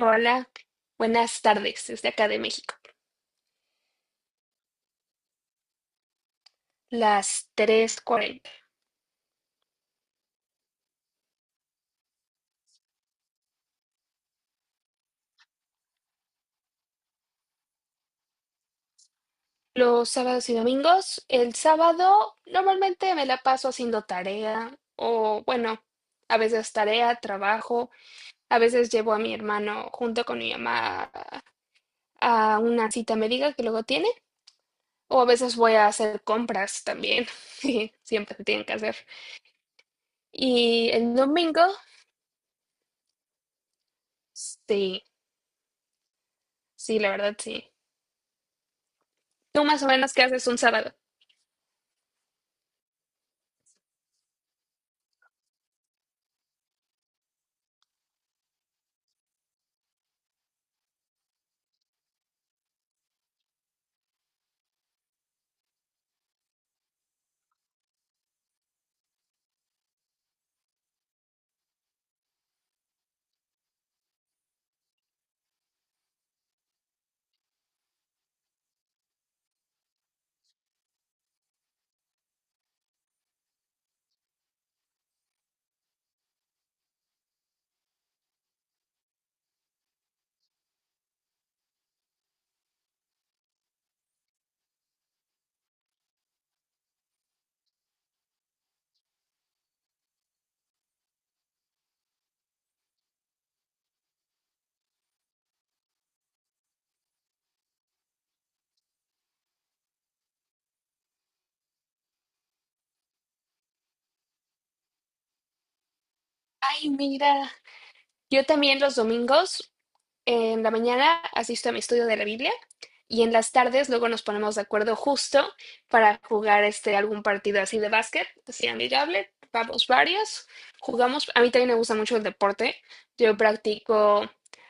Hola, buenas tardes desde acá de México, las 3:40. Los sábados y domingos, el sábado normalmente me la paso haciendo tarea o bueno, a veces tarea, trabajo, a veces llevo a mi hermano junto con mi mamá a una cita médica que luego tiene, o a veces voy a hacer compras también, que siempre se tienen que hacer. Y el domingo. Sí, sí, la verdad sí. ¿Tú más o menos qué haces un sábado? Ay, mira. Yo también los domingos en la mañana asisto a mi estudio de la Biblia, y en las tardes luego nos ponemos de acuerdo justo para jugar este algún partido así de básquet, así amigable. Vamos varios, jugamos. A mí también me gusta mucho el deporte. Yo practico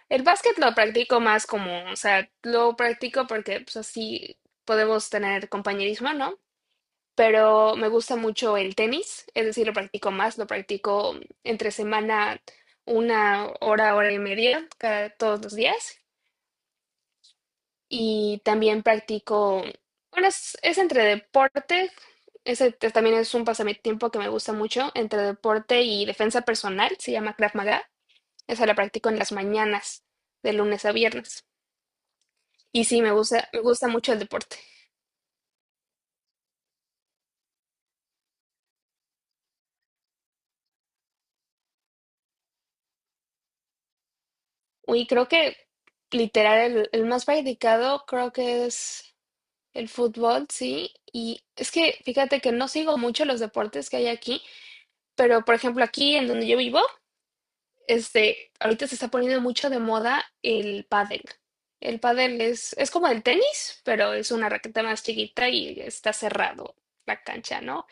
el básquet, lo practico más como, o sea, lo practico porque pues así podemos tener compañerismo, ¿no? Pero me gusta mucho el tenis, es decir, lo practico entre semana 1 hora, hora y media, todos los días. Y también practico, bueno, es entre deporte, ese también es un pasatiempo que me gusta mucho, entre deporte y defensa personal, se llama Krav Maga. Esa la practico en las mañanas, de lunes a viernes. Y sí, me gusta mucho el deporte. Y creo que literal el más practicado creo que es el fútbol, sí. Y es que fíjate que no sigo mucho los deportes que hay aquí, pero por ejemplo aquí en donde yo vivo, este, ahorita se está poniendo mucho de moda el pádel. El pádel es como el tenis, pero es una raqueta más chiquita y está cerrado la cancha, ¿no?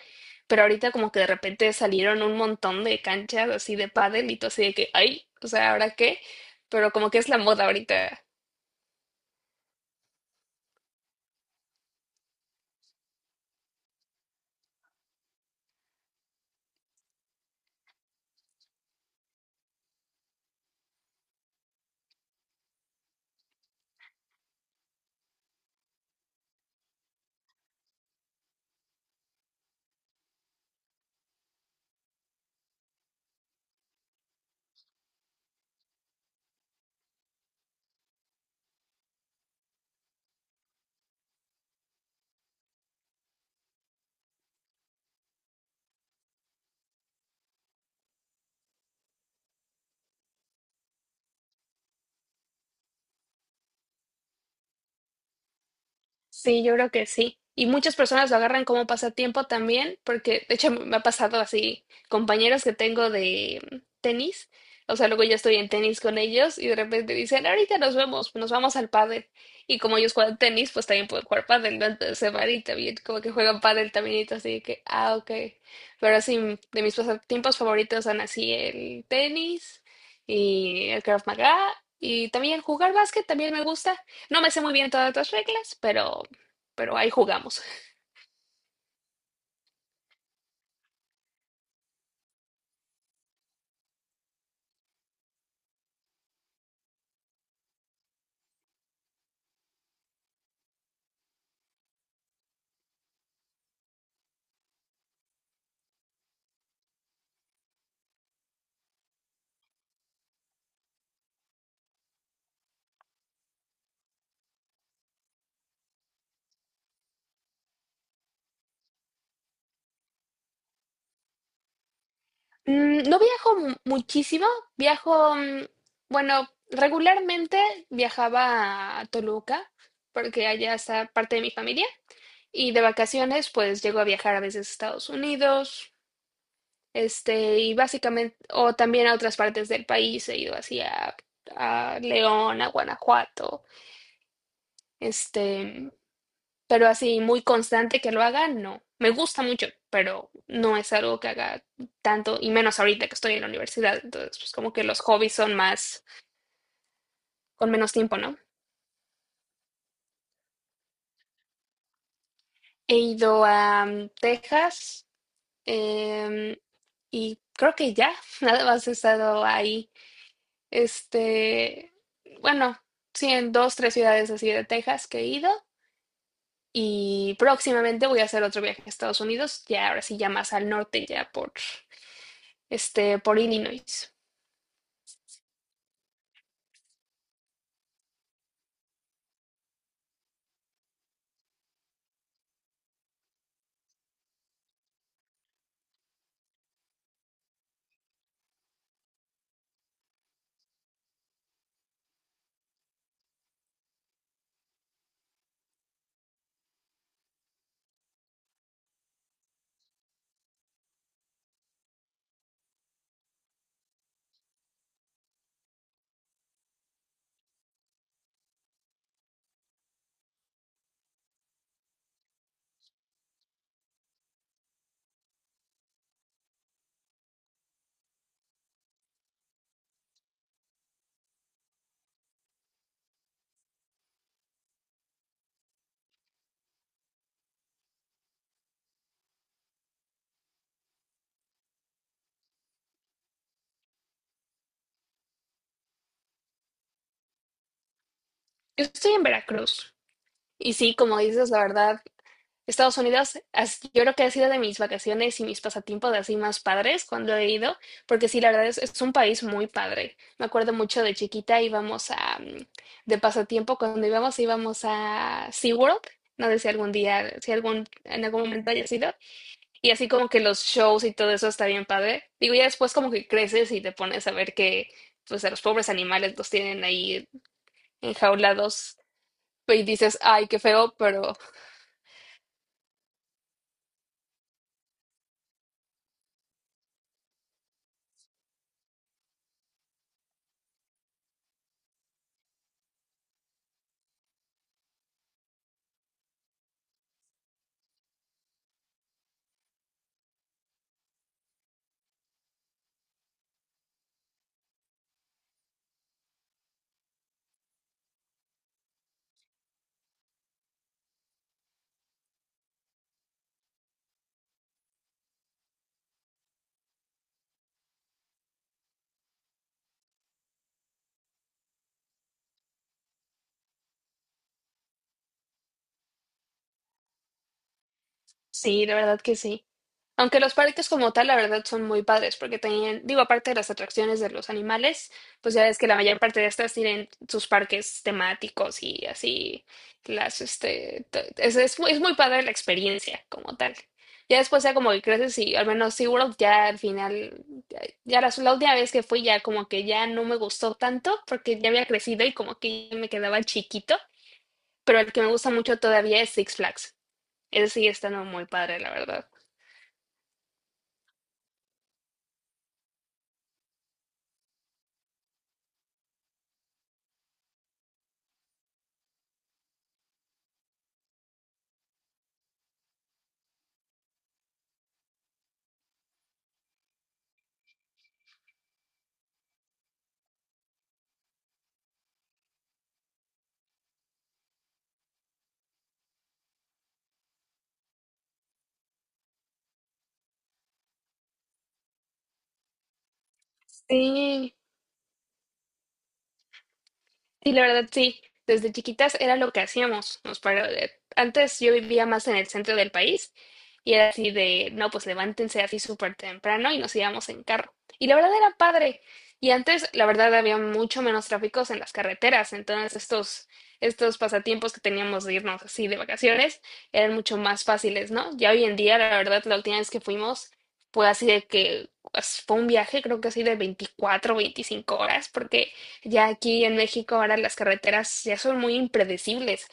Pero ahorita como que de repente salieron un montón de canchas así de pádel, y todo así de que, ay, o sea, ¿ahora qué? Pero como que es la moda ahorita. Sí, yo creo que sí. Y muchas personas lo agarran como pasatiempo también, porque de hecho me ha pasado así, compañeros que tengo de tenis, o sea, luego yo estoy en tenis con ellos y de repente dicen, ahorita nos vemos, nos vamos al pádel. Y como ellos juegan tenis, pues también pueden jugar pádel, ¿no? Entonces se van y también como que juegan pádel también, y todo así de que, ah, ok. Pero sí, de mis pasatiempos favoritos son así el tenis y el Krav Maga, y también jugar básquet también me gusta. No me sé muy bien todas las reglas, pero, ahí jugamos. No viajo muchísimo, viajo, bueno, regularmente viajaba a Toluca porque allá está parte de mi familia, y de vacaciones pues llego a viajar a veces a Estados Unidos. Este, y básicamente, o también a otras partes del país, he ido así a León, a Guanajuato, este, pero así muy constante que lo haga, no. Me gusta mucho, pero no es algo que haga tanto, y menos ahorita que estoy en la universidad, entonces pues como que los hobbies son más, con menos tiempo, ¿no? He ido a Texas, em, y creo que ya, nada más he estado ahí. Este, bueno, sí, en dos, tres ciudades así de Texas que he ido. Y próximamente voy a hacer otro viaje a Estados Unidos, ya ahora sí, ya más al norte, ya por, este, por Illinois. Yo estoy en Veracruz. Y sí, como dices, la verdad. Estados Unidos, yo creo que ha sido de mis vacaciones y mis pasatiempos de así más padres cuando he ido, porque sí, la verdad es un país muy padre. Me acuerdo mucho de chiquita íbamos de pasatiempo, cuando íbamos a SeaWorld, no sé si algún día, si algún, en algún momento haya sido, y así como que los shows y todo eso está bien padre. Digo, ya después como que creces y te pones a ver que, pues a los pobres animales los tienen ahí enjaulados, y dices, ay, qué feo, pero sí, la verdad que sí. Aunque los parques como tal, la verdad, son muy padres, porque tenían, digo, aparte de las atracciones de los animales, pues ya ves que la mayor parte de estas tienen sus parques temáticos y así, es muy padre la experiencia como tal. Ya después ya como que creces, y al menos SeaWorld ya al final, ya la última vez que fui ya como que ya no me gustó tanto, porque ya había crecido y como que ya me quedaba chiquito, pero el que me gusta mucho todavía es Six Flags. Ese sigue estando muy padre, la verdad. Sí. Sí, la verdad sí. Desde chiquitas era lo que hacíamos. Antes yo vivía más en el centro del país, y era así de, no, pues levántense así súper temprano y nos íbamos en carro. Y la verdad era padre. Y antes, la verdad, había mucho menos tráficos en las carreteras. Entonces, estos pasatiempos que teníamos de irnos así de vacaciones eran mucho más fáciles, ¿no? Ya hoy en día, la verdad, la última vez que fuimos fue así de que pues, fue un viaje, creo que así de 24 o 25 horas, porque ya aquí en México ahora las carreteras ya son muy impredecibles.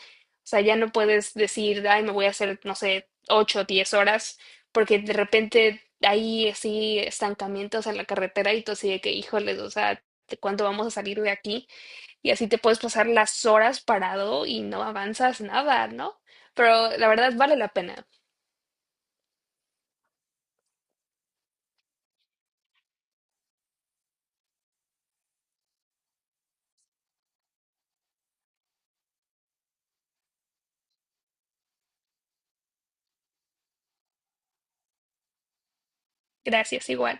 O sea, ya no puedes decir, ay, me voy a hacer, no sé, 8 o 10 horas, porque de repente hay así estancamientos en la carretera, y tú así de que, híjoles, o sea, ¿de cuándo vamos a salir de aquí? Y así te puedes pasar las horas parado y no avanzas nada, ¿no? Pero la verdad vale la pena. Gracias, igual.